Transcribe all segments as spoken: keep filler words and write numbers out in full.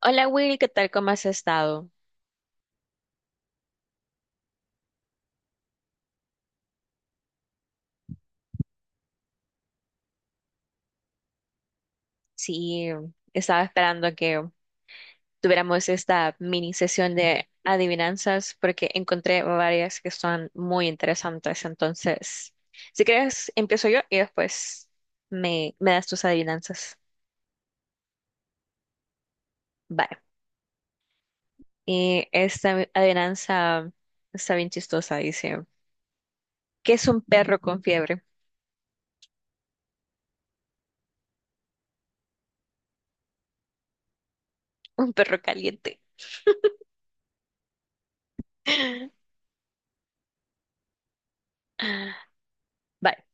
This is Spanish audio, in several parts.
Hola Will, ¿qué tal? ¿Cómo has estado? Sí, estaba esperando que tuviéramos esta mini sesión de adivinanzas porque encontré varias que son muy interesantes. Entonces, si quieres, empiezo yo y después me, me das tus adivinanzas. Vale. Y esta adivinanza está bien chistosa. Dice, ¿qué es un perro con fiebre? Un perro caliente. Vale,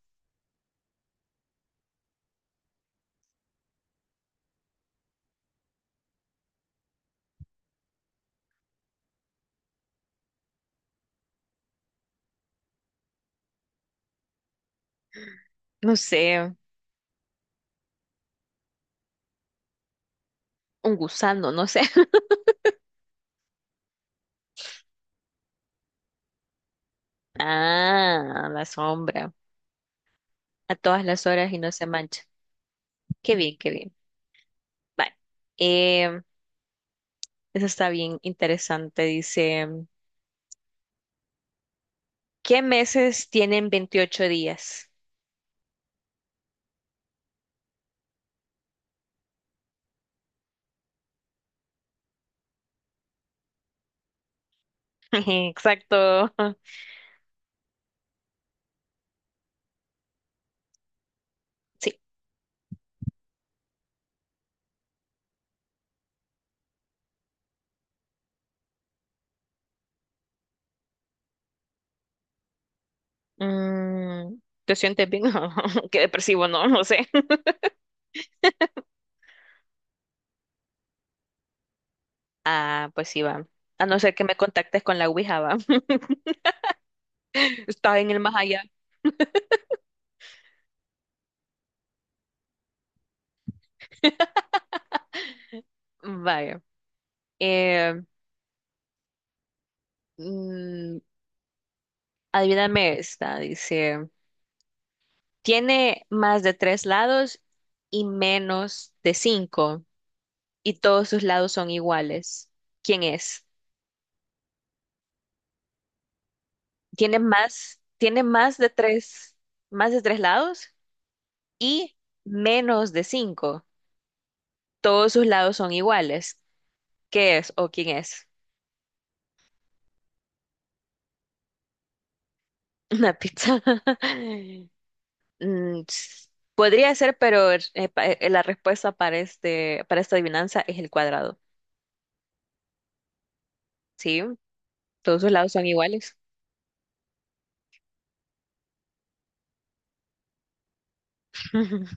no sé, un gusano, no sé. Ah, la sombra. A todas las horas y no se mancha. Qué bien, qué bien. Vale. Em, Eso está bien interesante. Dice, ¿qué meses tienen veintiocho días? Exacto. Sí. Mm, ¿Te sientes bien? Qué depresivo, no, no sé. Ah, pues sí, va. A no ser que me contactes con la Ouija, va. Está en el más allá. Vaya. Eh, mm, Adivíname esta. Dice, tiene más de tres lados y menos de cinco, y todos sus lados son iguales. ¿Quién es? Tiene más, tiene más de tres, más de tres lados y menos de cinco. Todos sus lados son iguales. ¿Qué es o quién es? Una pizza. Mm, s- Podría ser, pero eh, pa- eh, la respuesta para este, para esta adivinanza es el cuadrado. ¿Sí? Todos sus lados son iguales.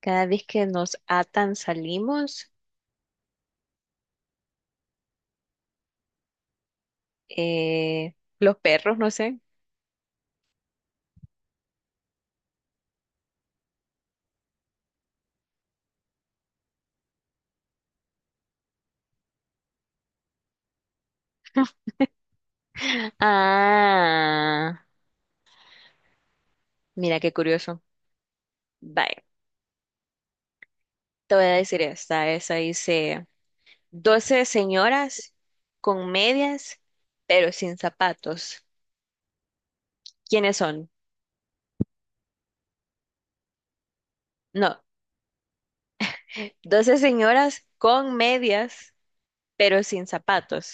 Cada vez que nos atan salimos, eh, los perros, no sé. Ah, mira qué curioso. Vaya, te voy a decir esta. Esa dice, doce señoras con medias, pero sin zapatos. ¿Quiénes son? No, doce señoras con medias, pero sin zapatos.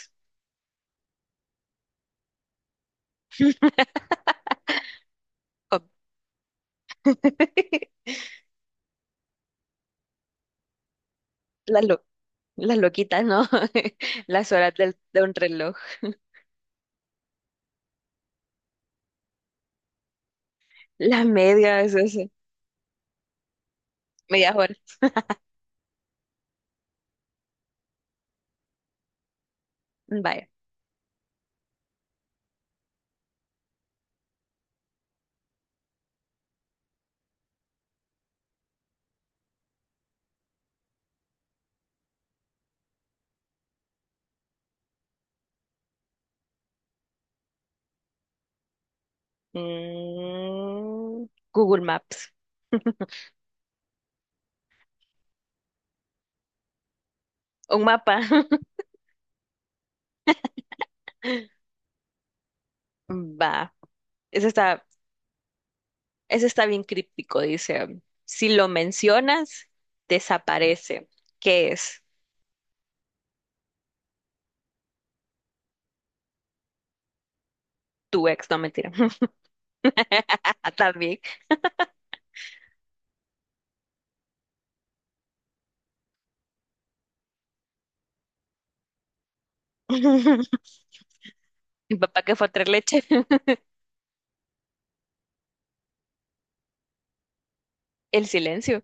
Oh, Las, lo- las loquitas, ¿no? Las horas del- de un reloj. Las medias, ese, medias horas. Vaya. Mm, Google Maps. Un mapa. Va, ese está, ese está bien críptico, dice. Si lo mencionas, desaparece. ¿Qué es? Tu ex, no mentira. También. Mi papá que fue a traer leche. El silencio.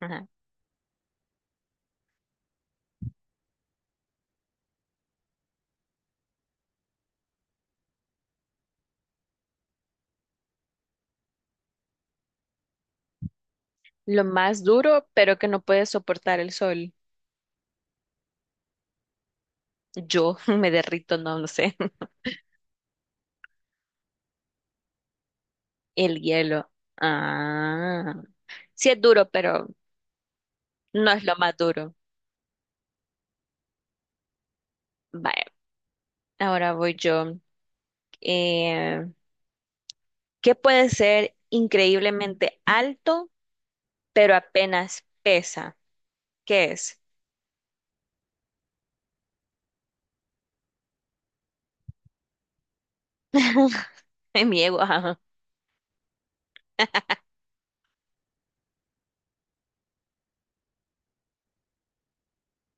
Ajá. Lo más duro, pero que no puede soportar el sol. Yo me derrito, no lo sé. El hielo. Ah. Sí es duro, pero no es lo más duro. Vaya, ahora voy yo. Eh, ¿Qué puede ser increíblemente alto, pero apenas pesa? ¿Qué es? En mi ego, ajá.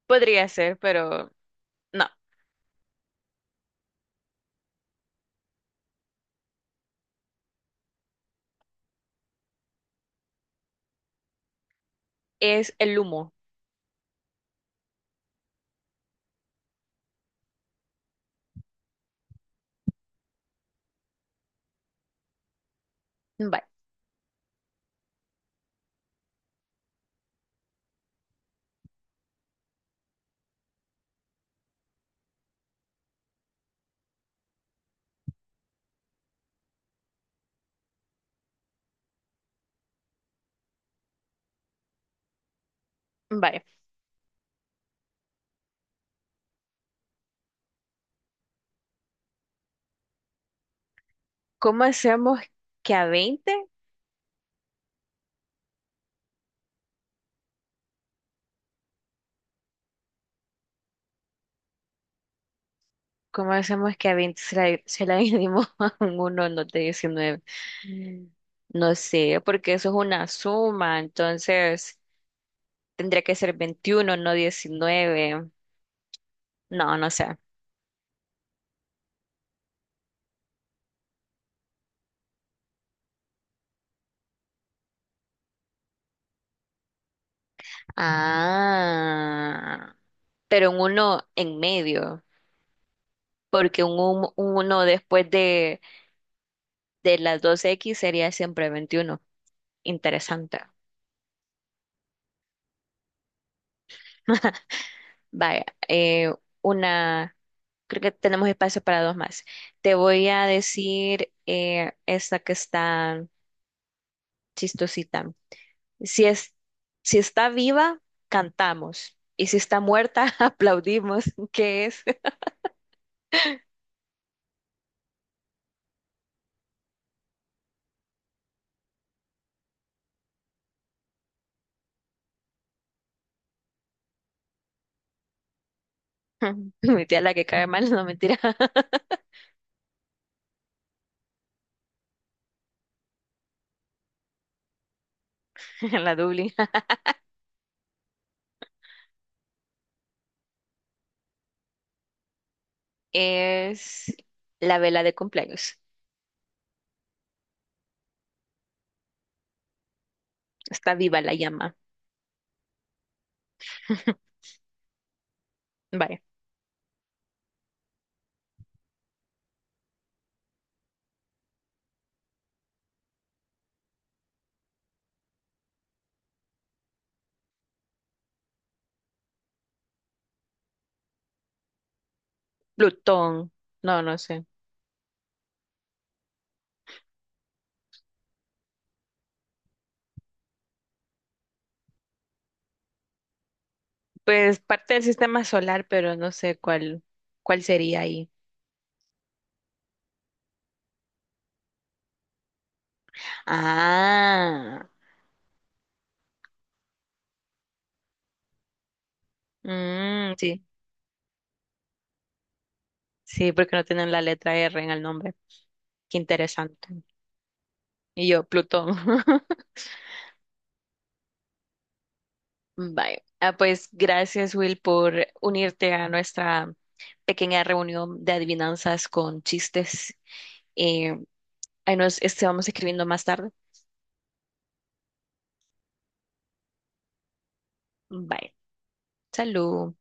Podría ser, pero no, es el humo. Vale. Vale. ¿Cómo hacemos que a veinte ¿Cómo hacemos que a veinte se la, se la dividimos a un uno no de diecinueve? Mm. No sé, porque eso es una suma, entonces tendría que ser veintiuno, no diecinueve. No, no sé. Ah, pero un uno en medio, porque un hum- uno después de, de las dos x sería siempre veintiuno. Interesante. Vaya, eh, una, creo que tenemos espacio para dos más. Te voy a decir eh, esta que está chistosita. Si es, si está viva, cantamos. Y si está muerta, aplaudimos. ¿Qué es? Mi tía la que cae mal, no mentira, la Dublín. Es la vela de cumpleaños. Está viva la llama. Vale. Plutón. No, no sé. Pues parte del sistema solar, pero no sé cuál, cuál sería ahí. Ah, mm, sí, sí, porque no tienen la letra R en el nombre. Qué interesante. Y yo, Plutón. Vale. Ah, pues gracias, Will, por unirte a nuestra pequeña reunión de adivinanzas con chistes. Eh, ahí nos este, vamos escribiendo más tarde. Bye. Salud.